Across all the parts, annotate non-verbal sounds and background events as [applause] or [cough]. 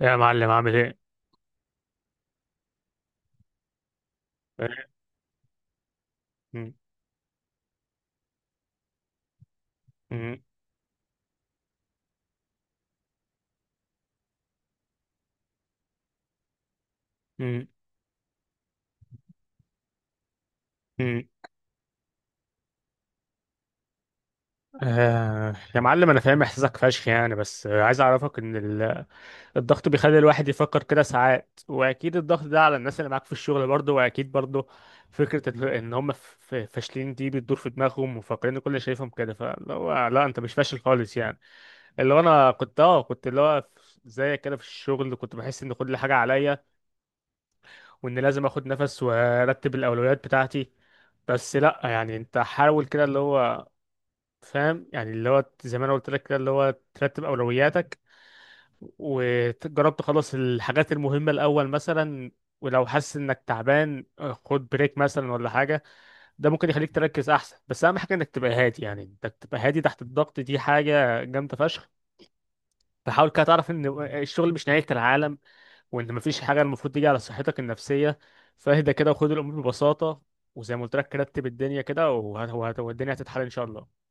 يا معلم، عامل ايه؟ م- م- م- م. آه يا معلم، انا فاهم احساسك فشخ يعني بس عايز اعرفك ان الضغط بيخلي الواحد يفكر كده ساعات، واكيد الضغط ده على الناس اللي معاك في الشغل برضه، واكيد برضه فكرة ان هم فاشلين دي بتدور في دماغهم وفاكرين إن كل اللي شايفهم كده، فاللي هو لا، انت مش فاشل خالص يعني. اللي هو انا كنت كنت اللي هو زيك كده في الشغل، كنت بحس ان كل حاجة عليا وان لازم اخد نفس وارتب الاولويات بتاعتي. بس لا يعني، انت حاول كده اللي هو فاهم يعني اللي هو زي ما انا قلت لك كده، اللي هو ترتب اولوياتك وجرب تخلص الحاجات المهمة الاول مثلا. ولو حاسس انك تعبان، خد بريك مثلا ولا حاجة. ده ممكن يخليك تركز احسن، بس اهم حاجة انك تبقى هادي، يعني انك تبقى هادي تحت الضغط دي حاجة جامدة فشخ. فحاول كده تعرف ان الشغل مش نهاية العالم، وان مفيش حاجه المفروض تيجي على صحتك النفسيه. فاهدى كده وخد الامور ببساطه. وزي ما قلت لك، رتب الدنيا كده والدنيا هتتحل ان شاء الله.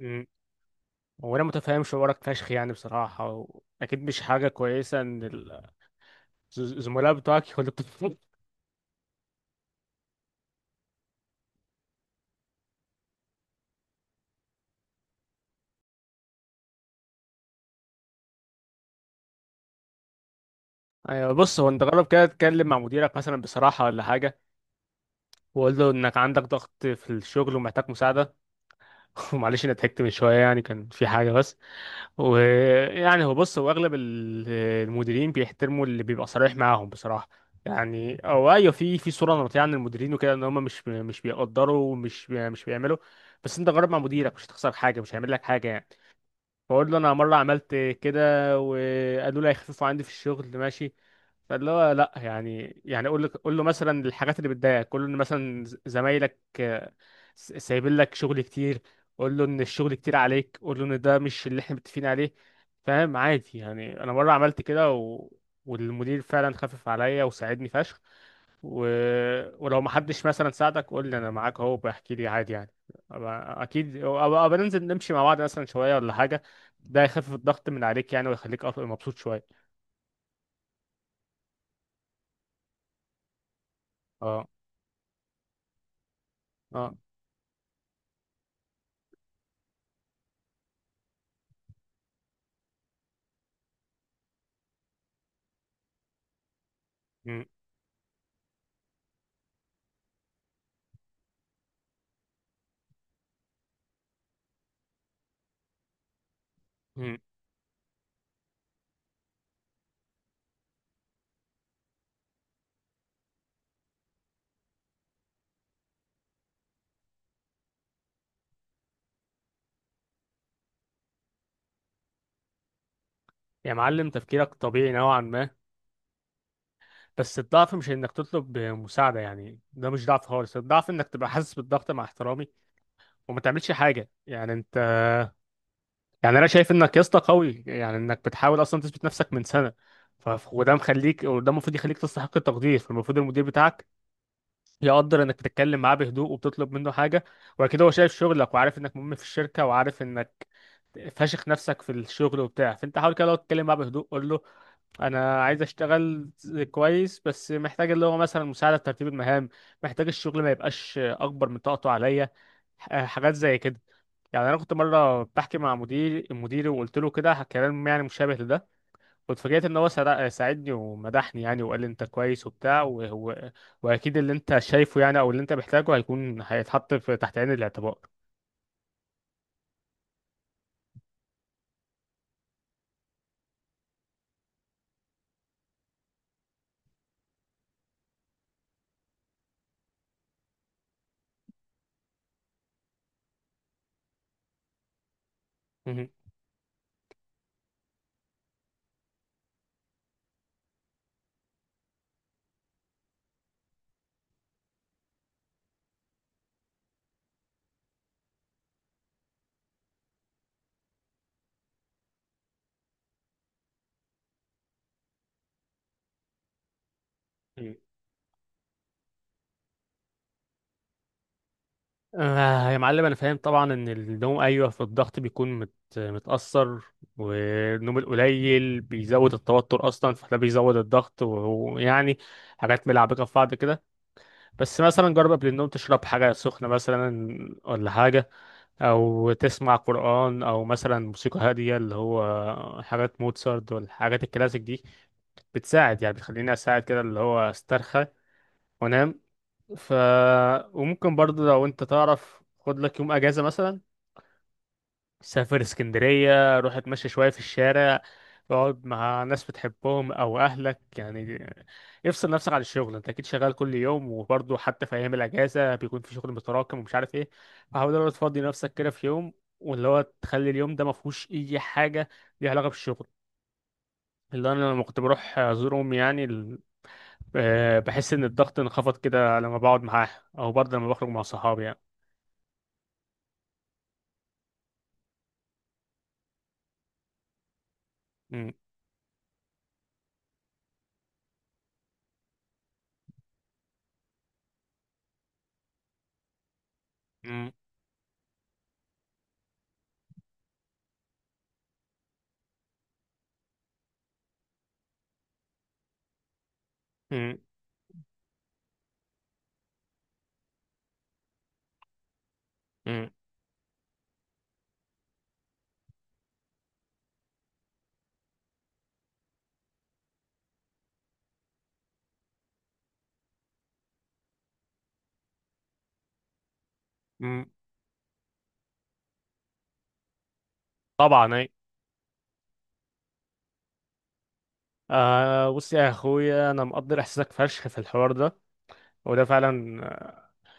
امم، وانا متفاهم شعورك فشخ يعني بصراحه اكيد مش حاجه كويسه ان الزملاء بتوعك يقولوا [laughs] ايوه، بص، هو انت جرب كده تتكلم مع مديرك مثلا بصراحه ولا حاجه، وقول له انك عندك ضغط في الشغل ومحتاج مساعده. [laughs] ومعلش انا ضحكت من شويه، يعني كان في حاجه بس. ويعني هو بص، هو اغلب المديرين بيحترموا اللي بيبقى صريح معاهم بصراحه. يعني او ايوه، في صوره نمطيه عن المديرين وكده ان هم مش بيقدروا مش بيعملوا. بس انت جرب مع مديرك، مش هتخسر حاجه، مش هيعمل لك حاجه يعني. بقول له، انا مره عملت كده وقالوا لي هيخففوا عندي في الشغل، ماشي. فاللي هو لا يعني يعني قول له مثلا الحاجات اللي بتضايقك. قول له ان مثلا زمايلك سايبين لك شغل كتير. قول له ان الشغل كتير عليك، قول له ان ده مش اللي احنا متفقين عليه فاهم. عادي، يعني انا مره عملت كده والمدير فعلا خفف عليا وساعدني فشخ. و... ولو ما حدش مثلا ساعدك، قول لي، انا معاك اهو، بحكي لي عادي يعني. أبقى- اكيد أبقى ننزل نمشي مع بعض مثلا شويه ولا حاجه. ده يخفف الضغط من عليك يعني، ويخليك مبسوط شويه. اه. اه. م- م. يا معلم، تفكيرك طبيعي نوعا ما. بس الضعف مش انك تطلب مساعده، يعني ده مش ضعف خالص. الضعف انك تبقى حاسس بالضغط مع احترامي وما تعملش حاجه يعني انت. يعني انا شايف انك يا اسطى قوي، يعني انك بتحاول اصلا تثبت نفسك من سنه. وده مخليك، وده المفروض يخليك تستحق التقدير. فالمفروض المدير بتاعك يقدر انك تتكلم معاه بهدوء وبتطلب منه حاجه. واكيد هو شايف شغلك وعارف انك مهم في الشركه، وعارف انك فاشخ نفسك في الشغل وبتاع. فانت حاول كده، لو تتكلم معاه بهدوء قول له انا عايز اشتغل كويس، بس محتاج اللي هو مثلا مساعده في ترتيب المهام. محتاج الشغل ما يبقاش اكبر من طاقته عليا. حاجات زي كده. يعني انا كنت مره بحكي مع مدير مديري وقلت له كده كلام يعني مشابه لده، واتفاجئت ان هو ساعدني ومدحني يعني، وقال لي انت كويس وبتاع. وهو واكيد اللي انت شايفه يعني، او اللي انت محتاجه هيكون هيتحط في تحت عين الاعتبار. مهم. مم. آه يا معلم، انا فاهم طبعا ان النوم، ايوه، في الضغط بيكون متاثر. والنوم القليل بيزود التوتر اصلا، فده بيزود الضغط ويعني حاجات ملعبكه في بعض كده. بس مثلا جرب قبل النوم تشرب حاجة سخنة مثلا ولا حاجة، أو تسمع قرآن أو مثلا موسيقى هادية، اللي هو حاجات موتسارت والحاجات الكلاسيك دي بتساعد يعني، بتخليني أساعد كده اللي هو أسترخى وأنام. ف، وممكن برضه لو أنت تعرف خد لك يوم أجازة مثلا، سافر اسكندرية، روح اتمشى شوية في الشارع، اقعد مع ناس بتحبهم او اهلك يعني، افصل نفسك عن الشغل. انت اكيد شغال كل يوم، وبرضه حتى في ايام الاجازة بيكون في شغل متراكم ومش عارف ايه. فحاول إن هو تفضي نفسك كده في يوم، واللي هو تخلي اليوم ده ما فيهوش اي حاجة ليها علاقة بالشغل. اللي انا لما كنت بروح ازور امي، يعني بحس ان الضغط انخفض كده لما بقعد معاها، او برضه لما بخرج مع صحابي يعني. م- م- م- م- م. طبعا. آه، بص يا اخويا، انا مقدر احساسك فشخ في الحوار ده. وده فعلا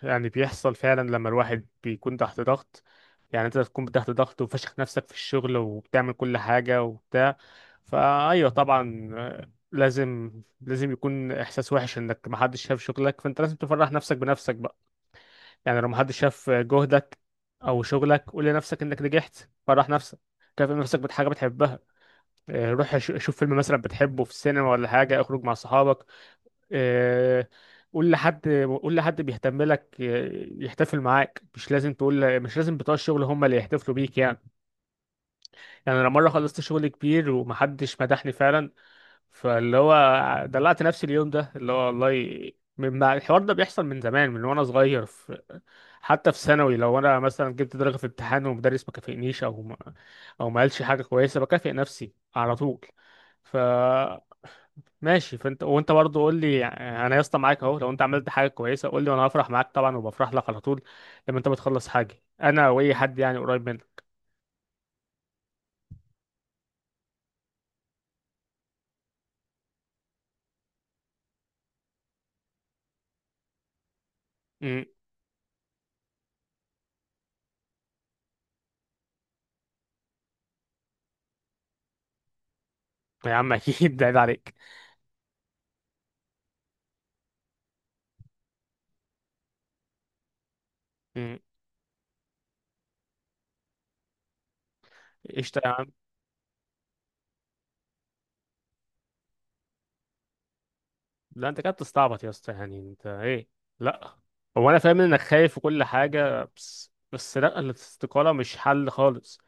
يعني بيحصل فعلا لما الواحد بيكون تحت ضغط. يعني انت تكون تحت ضغط وفشخ نفسك في الشغل وبتعمل كل حاجة وبتاع. فايوه طبعا لازم يكون احساس وحش انك محدش شاف شغلك. فانت لازم تفرح نفسك بنفسك بقى. يعني لو محدش شاف جهدك او شغلك، قول لنفسك انك نجحت، فرح نفسك، كافئ نفسك بحاجة بتحبها. روح شوف فيلم مثلا بتحبه في السينما ولا حاجة، اخرج مع صحابك. آه، قول لحد قول لحد بيهتم لك يحتفل معاك. مش لازم تقول، مش لازم بتوع الشغل هم اللي يحتفلوا بيك يعني. يعني انا مره خلصت شغل كبير ومحدش مدحني فعلا، فاللي هو دلعت نفسي اليوم ده اللي هو والله. من ما- الحوار ده بيحصل من زمان، من وانا صغير في، حتى في ثانوي، لو انا مثلا جبت درجه في امتحان ومدرس ما كافئنيش او ما قالش حاجه كويسه، بكافئ نفسي على طول ماشي. فانت وانت برضه قول لي، يعني انا يا اسطى معاك اهو، لو انت عملت حاجه كويسه قول لي وانا هفرح معاك طبعا، وبفرح لك على طول لما انت بتخلص حاجه، انا واي حد يعني قريب منك. امم. يا عم [laughs] اكيد ده عيب عليك. امم. قشطه يا عم. لا، انت كده بتستعبط يا اسطى، يعني انت ايه؟ لا. هو انا فاهم انك خايف وكل حاجه، بس لا، الاستقاله مش حل خالص.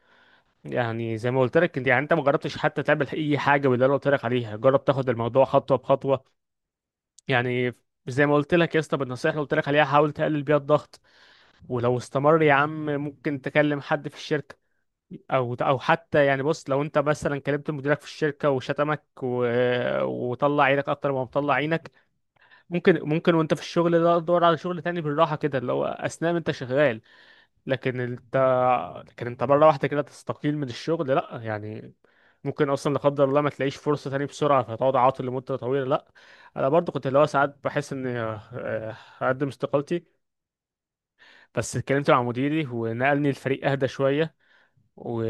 يعني زي ما قلت لك، انت يعني انت ما جربتش حتى تعمل اي حاجه باللي انا قلت لك عليها. جرب تاخد الموضوع خطوه بخطوه يعني. زي ما قلت لك يا اسطى، بالنصيحه اللي قلت لك عليها، حاول تقلل بيها الضغط. ولو استمر يا عم، ممكن تكلم حد في الشركه او حتى. يعني بص، لو انت مثلا كلمت مديرك في الشركه وشتمك وطلع عينك اكتر ما مطلع عينك، ممكن، ممكن وانت في الشغل ده تدور على شغل تاني بالراحه كده، اللي هو اثناء ما انت شغال. لكن انت، مره واحده كده تستقيل من الشغل، لا يعني. ممكن اصلا لا قدر الله ما تلاقيش فرصه تاني بسرعه، فتقعد عاطل لمده طويله، لا. انا برضو كنت اللي هو ساعات بحس اني هقدم استقالتي. بس اتكلمت مع مديري ونقلني الفريق اهدى شويه. و،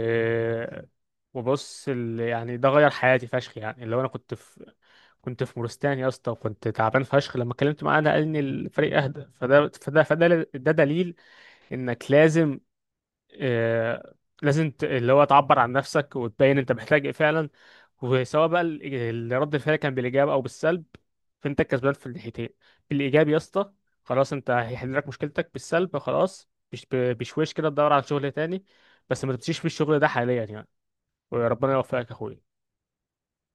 وبص يعني ده غير حياتي فشخ، يعني اللي هو انا كنت في، كنت في مورستان يا اسطى وكنت تعبان فشخ. لما اتكلمت معاه نقلني الفريق اهدى، فده ده دليل انك لازم آه، لازم اللي هو تعبر عن نفسك وتبين انت محتاج ايه فعلا. وسواء بقى رد الفعل كان بالايجاب او بالسلب، فانت الكسبان في الناحيتين. بالايجاب يا اسطى، خلاص انت هيحل لك مشكلتك. بالسلب، خلاص، بشويش كده تدور على شغل تاني، بس ما تمشيش في الشغل ده حاليا يعني. وربنا يوفقك يا اخويا.